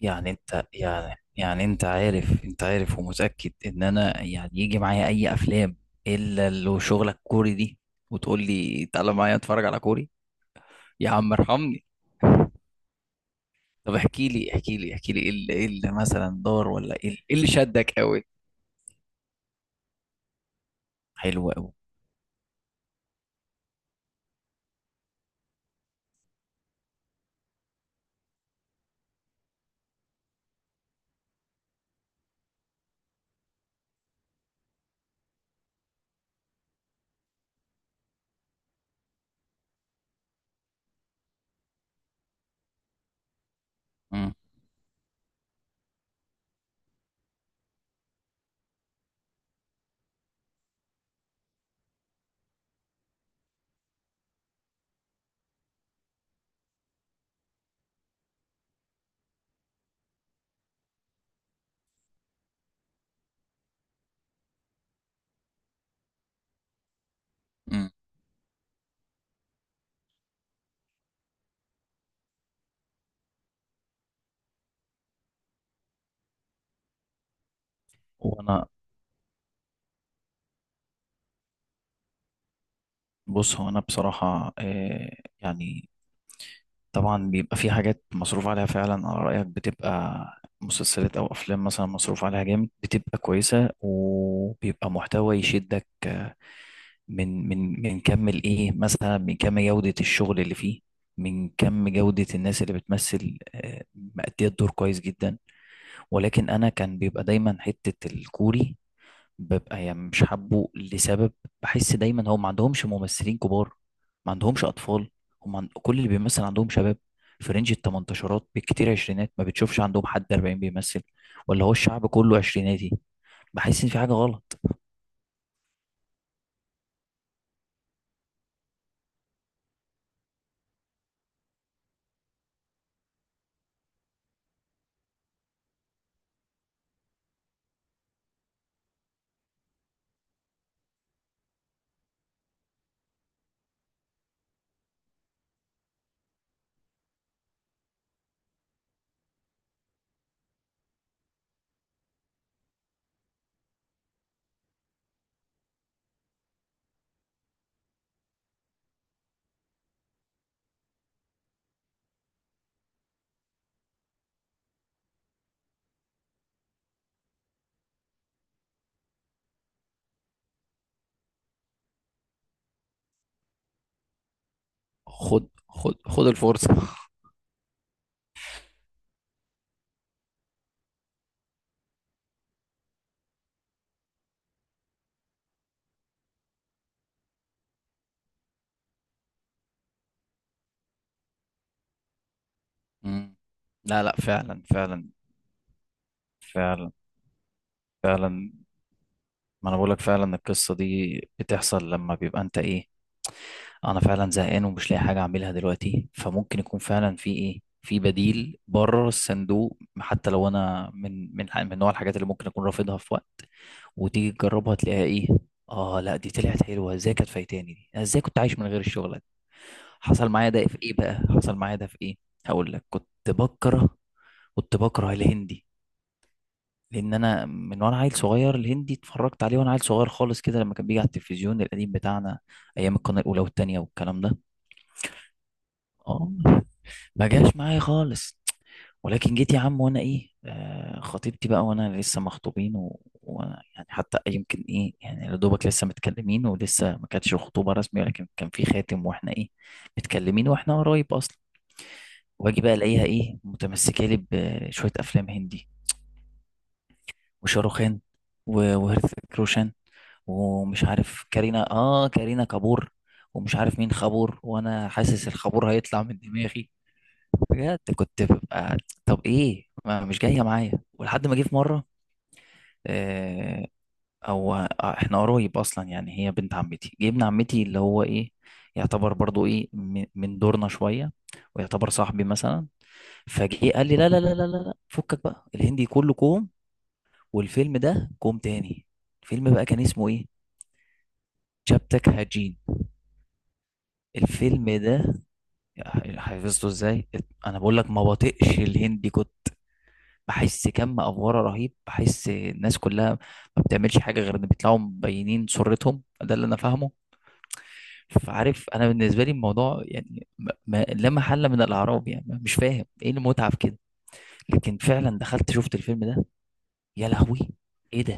يعني انت يعني يعني انت عارف ومتأكد ان انا يعني يجي معايا اي افلام الا لو شغلك كوري دي وتقول لي تعالى معايا اتفرج على كوري. يا عم ارحمني. طب احكي لي ايه اللي إيه اللي مثلا دار، ولا ايه اللي إيه اللي شدك قوي. حلو قوي. امم وانا، بص، هو انا بصراحة يعني، طبعا بيبقى في حاجات مصروف عليها فعلا، على رأيك، بتبقى مسلسلات أو أفلام مثلا مصروف عليها جامد بتبقى كويسة، وبيبقى محتوى يشدك من كم الإيه، مثلا من كم جودة الشغل اللي فيه، من كم جودة الناس اللي بتمثل، مأدية الدور كويس جدا. ولكن أنا كان بيبقى دايما حتة الكوري ببقى يعني مش حابه لسبب. بحس دايما هو ما عندهمش ممثلين كبار، ما عندهمش اطفال، كل اللي بيمثل عندهم شباب في رينج التمنتاشرات بالكتير، عشرينات. ما بتشوفش عندهم حد 40 بيمثل. ولا هو الشعب كله عشريناتي؟ بحس ان في حاجة غلط. خد الفرصة. مم. لا لا، فعلا فعلا. فعلا فعلا، ما انا بقولك، فعلا القصة دي بتحصل لما بيبقى انت ايه، انا فعلا زهقان ومش لاقي حاجه اعملها دلوقتي، فممكن يكون فعلا في ايه، في بديل بره الصندوق، حتى لو انا من نوع الحاجات اللي ممكن اكون رافضها في وقت، وتيجي تجربها تلاقيها ايه، اه، لا دي طلعت حلوه. ازاي كانت فايتاني دي؟ أنا ازاي كنت عايش من غير الشغل ده؟ حصل معايا ده في ايه بقى، حصل معايا ده في ايه. هقول لك، كنت بكره الهندي. لان انا من وانا عيل صغير الهندي اتفرجت عليه وانا عيل صغير خالص كده، لما كان بيجي على التلفزيون القديم بتاعنا ايام القناه الاولى والتانيه والكلام ده. اه، ما جاش معايا خالص. ولكن جيت يا عم وانا ايه، آه، خطيبتي بقى، وانا لسه مخطوبين، وانا يعني حتى يمكن ايه، يعني يا دوبك لسه متكلمين ولسه ما كانتش خطوبه رسميه، ولكن كان في خاتم واحنا ايه، متكلمين واحنا قريب اصلا. واجي بقى الاقيها ايه، متمسكه لي بشويه افلام هندي، وشاروخان، وهرث كروشان، ومش عارف كارينا، اه كارينا كابور، ومش عارف مين خابور، وانا حاسس الخابور هيطلع من دماغي. بجد كنت ببقى، طب ايه، ما مش جايه معايا. ولحد ما جه في مره، آه، او احنا قرايب اصلا، يعني هي بنت عمتي، جه ابن عمتي اللي هو ايه، يعتبر برضو ايه، من دورنا شويه، ويعتبر صاحبي مثلا، فجه قال لي لا لا لا لا لا لا، فكك بقى، الهندي كله كوم والفيلم ده كوم تاني. الفيلم بقى كان اسمه ايه، شابتك هاجين. الفيلم ده حفظته ازاي؟ انا بقول لك ما بطيقش الهندي، كنت بحس كم افوره رهيب، بحس الناس كلها ما بتعملش حاجه غير ان بيطلعوا مبينين سرتهم، ده اللي انا فاهمه. فعارف، انا بالنسبه لي الموضوع يعني لا محل من الاعراب يعني، مش فاهم ايه المتعه في كده. لكن فعلا دخلت شفت الفيلم ده، يا لهوي، ايه ده؟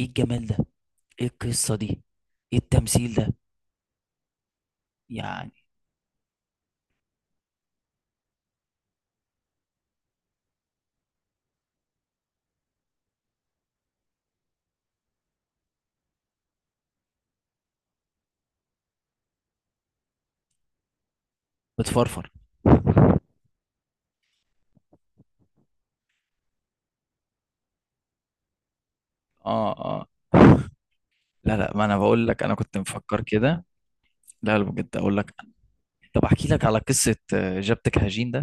ايه الجمال ده؟ ايه القصه دي؟ ايه التمثيل ده؟ يعني بتفرفر. اه اه. لا لا، ما انا بقول لك انا كنت مفكر كده. لا لا، بجد اقول لك. طب احكي لك على قصه جابتك هجين ده.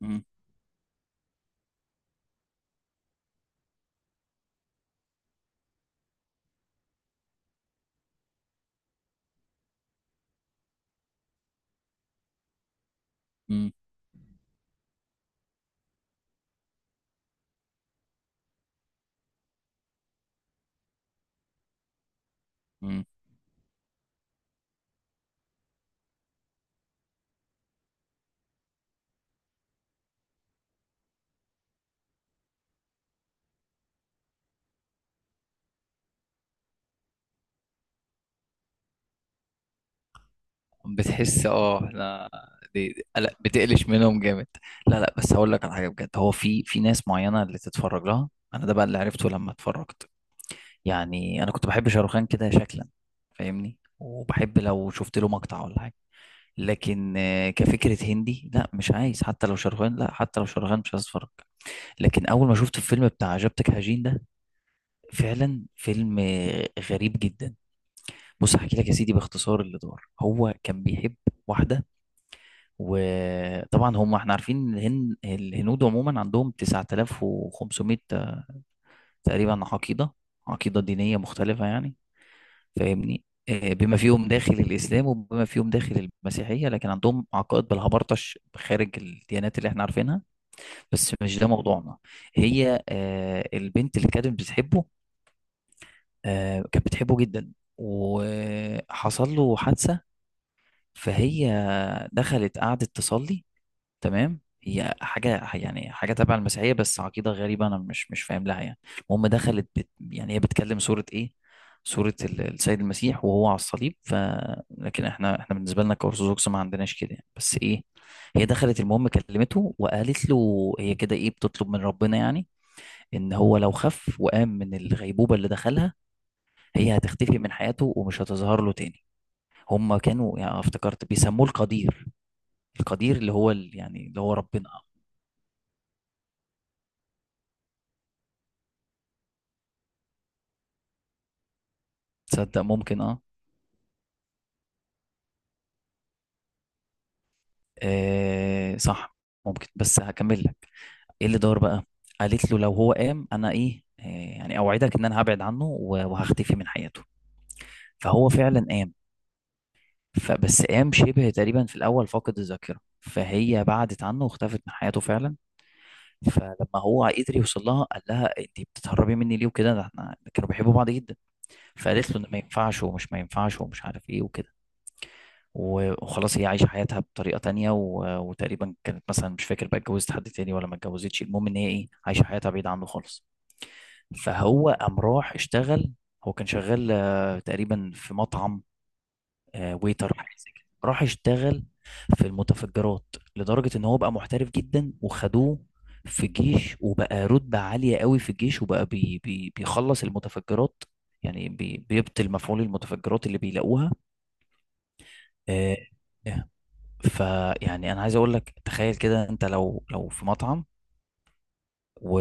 مم. مم. مم. بتحس، اه لا، دي لا بتقلش منهم جامد. لا لا، بس هقول لك على حاجه بجد، هو في ناس معينه اللي تتفرج لها، انا ده بقى اللي عرفته لما اتفرجت. يعني انا كنت بحب شاروخان كده شكلا، فاهمني، وبحب لو شفت له مقطع ولا حاجه، لكن كفكره هندي لا، مش عايز حتى لو شاروخان، لا حتى لو شاروخان مش عايز اتفرج. لكن اول ما شفت الفيلم بتاع عجبتك هجين ده، فعلا فيلم غريب جدا. بص احكي لك يا سيدي باختصار اللي دار. هو كان بيحب واحده، وطبعا هم احنا عارفين إن الهنود عموما عندهم 9500 تقريبا عقيده، عقيده دينيه مختلفه يعني، فاهمني، بما فيهم داخل الاسلام وبما فيهم داخل المسيحيه، لكن عندهم عقائد بالهبرطش خارج الديانات اللي احنا عارفينها. بس مش ده موضوعنا. هي البنت اللي كانت بتحبه، كانت بتحبه جدا، وحصل له حادثه، فهي دخلت قعدت تصلي. تمام، هي حاجة يعني حاجة تبع المسيحية بس عقيدة غريبة، أنا مش فاهم لها يعني. المهم دخلت بت، يعني هي بتكلم سورة إيه؟ سورة السيد المسيح وهو على الصليب، ف، لكن إحنا بالنسبة لنا كأرثوذكس ما عندناش كده يعني، بس إيه، هي دخلت المهم كلمته، وقالت له هي كده إيه، بتطلب من ربنا يعني إن هو لو خف وقام من الغيبوبة اللي دخلها، هي هتختفي من حياته ومش هتظهر له تاني. هما كانوا يعني، افتكرت بيسموه القدير، القدير اللي هو يعني اللي هو ربنا. تصدق ممكن، اه. صح ممكن، بس هكمل لك ايه اللي دار بقى. قالت له لو هو قام، انا ايه، يعني اوعدك ان انا هبعد عنه، وهختفي من حياته. فهو فعلا قام. فبس قام شبه تقريبا في الاول فاقد الذاكره، فهي بعدت عنه واختفت من حياته فعلا. فلما هو قدر يوصل لها قال لها انت بتتهربي مني ليه وكده، ده احنا كانوا بيحبوا بعض جدا. فقالت له إن ما ينفعش، ومش عارف ايه وكده، وخلاص هي عايشة حياتها بطريقة تانية، وتقريبا كانت مثلا مش فاكر بقى اتجوزت حد تاني ولا ما اتجوزتش، المهم ان هي ايه، عايشة حياتها بعيد عنه خالص. فهو قام راح اشتغل. هو كان شغال تقريبا في مطعم، ويتر حاجة زي كده. راح اشتغل في المتفجرات، لدرجة ان هو بقى محترف جدا وخدوه في الجيش، وبقى رتبة عالية قوي في الجيش، وبقى بي بي بيخلص المتفجرات، يعني بيبطل مفعول المتفجرات اللي بيلاقوها. آه، فيعني انا عايز اقول لك تخيل كده، انت لو في مطعم و...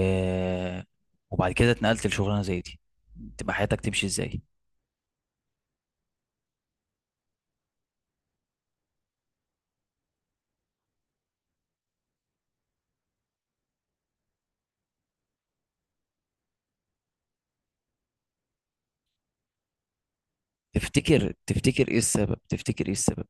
وبعد كده اتنقلت لشغلانه زي دي، تبقى حياتك تمشي ازاي؟ تفتكر تفتكر ايه السبب، تفتكر ايه السبب؟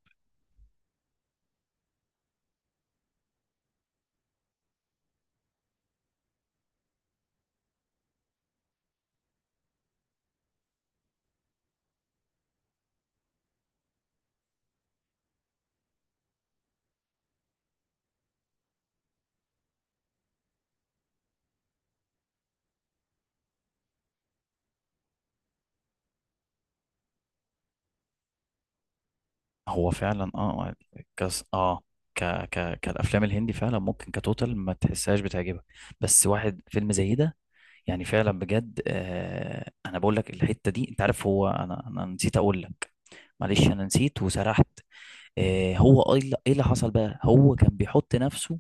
هو فعلا اه، كاس اه، كالافلام الهندي فعلا ممكن كتوتال ما تحسهاش بتعجبك. بس واحد فيلم زي ده، يعني فعلا بجد. آه، انا بقول لك الحته دي، انت عارف هو، انا نسيت اقول لك، معلش انا نسيت وسرحت. هو ايه اللي إيه اللي حصل بقى، هو كان بيحط نفسه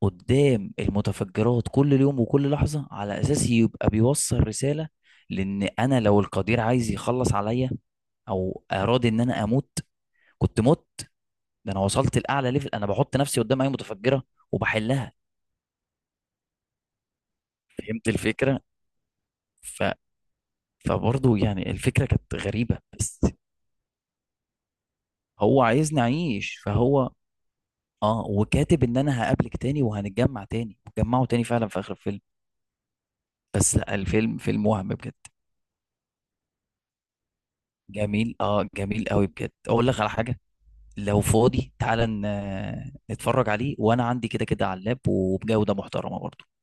قدام المتفجرات كل يوم وكل لحظة، على اساس يبقى بيوصل رسالة لان انا لو القدير عايز يخلص عليا او اراد ان انا اموت، كنت مت. ده انا وصلت لاعلى ليفل، انا بحط نفسي قدام اي متفجرة وبحلها. فهمت الفكرة. ف، فبرضه يعني الفكرة كانت غريبة. بس هو عايزني اعيش، فهو اه، وكاتب ان انا هقابلك تاني وهنتجمع تاني. جمعوا تاني فعلا في اخر الفيلم، بس لا الفيلم فيلم وهم بجد. جميل اه، جميل قوي بجد. اقول لك على حاجه، لو فاضي تعالى نتفرج عليه، وانا عندي كده كده على اللاب، وبجوده محترمه برضه.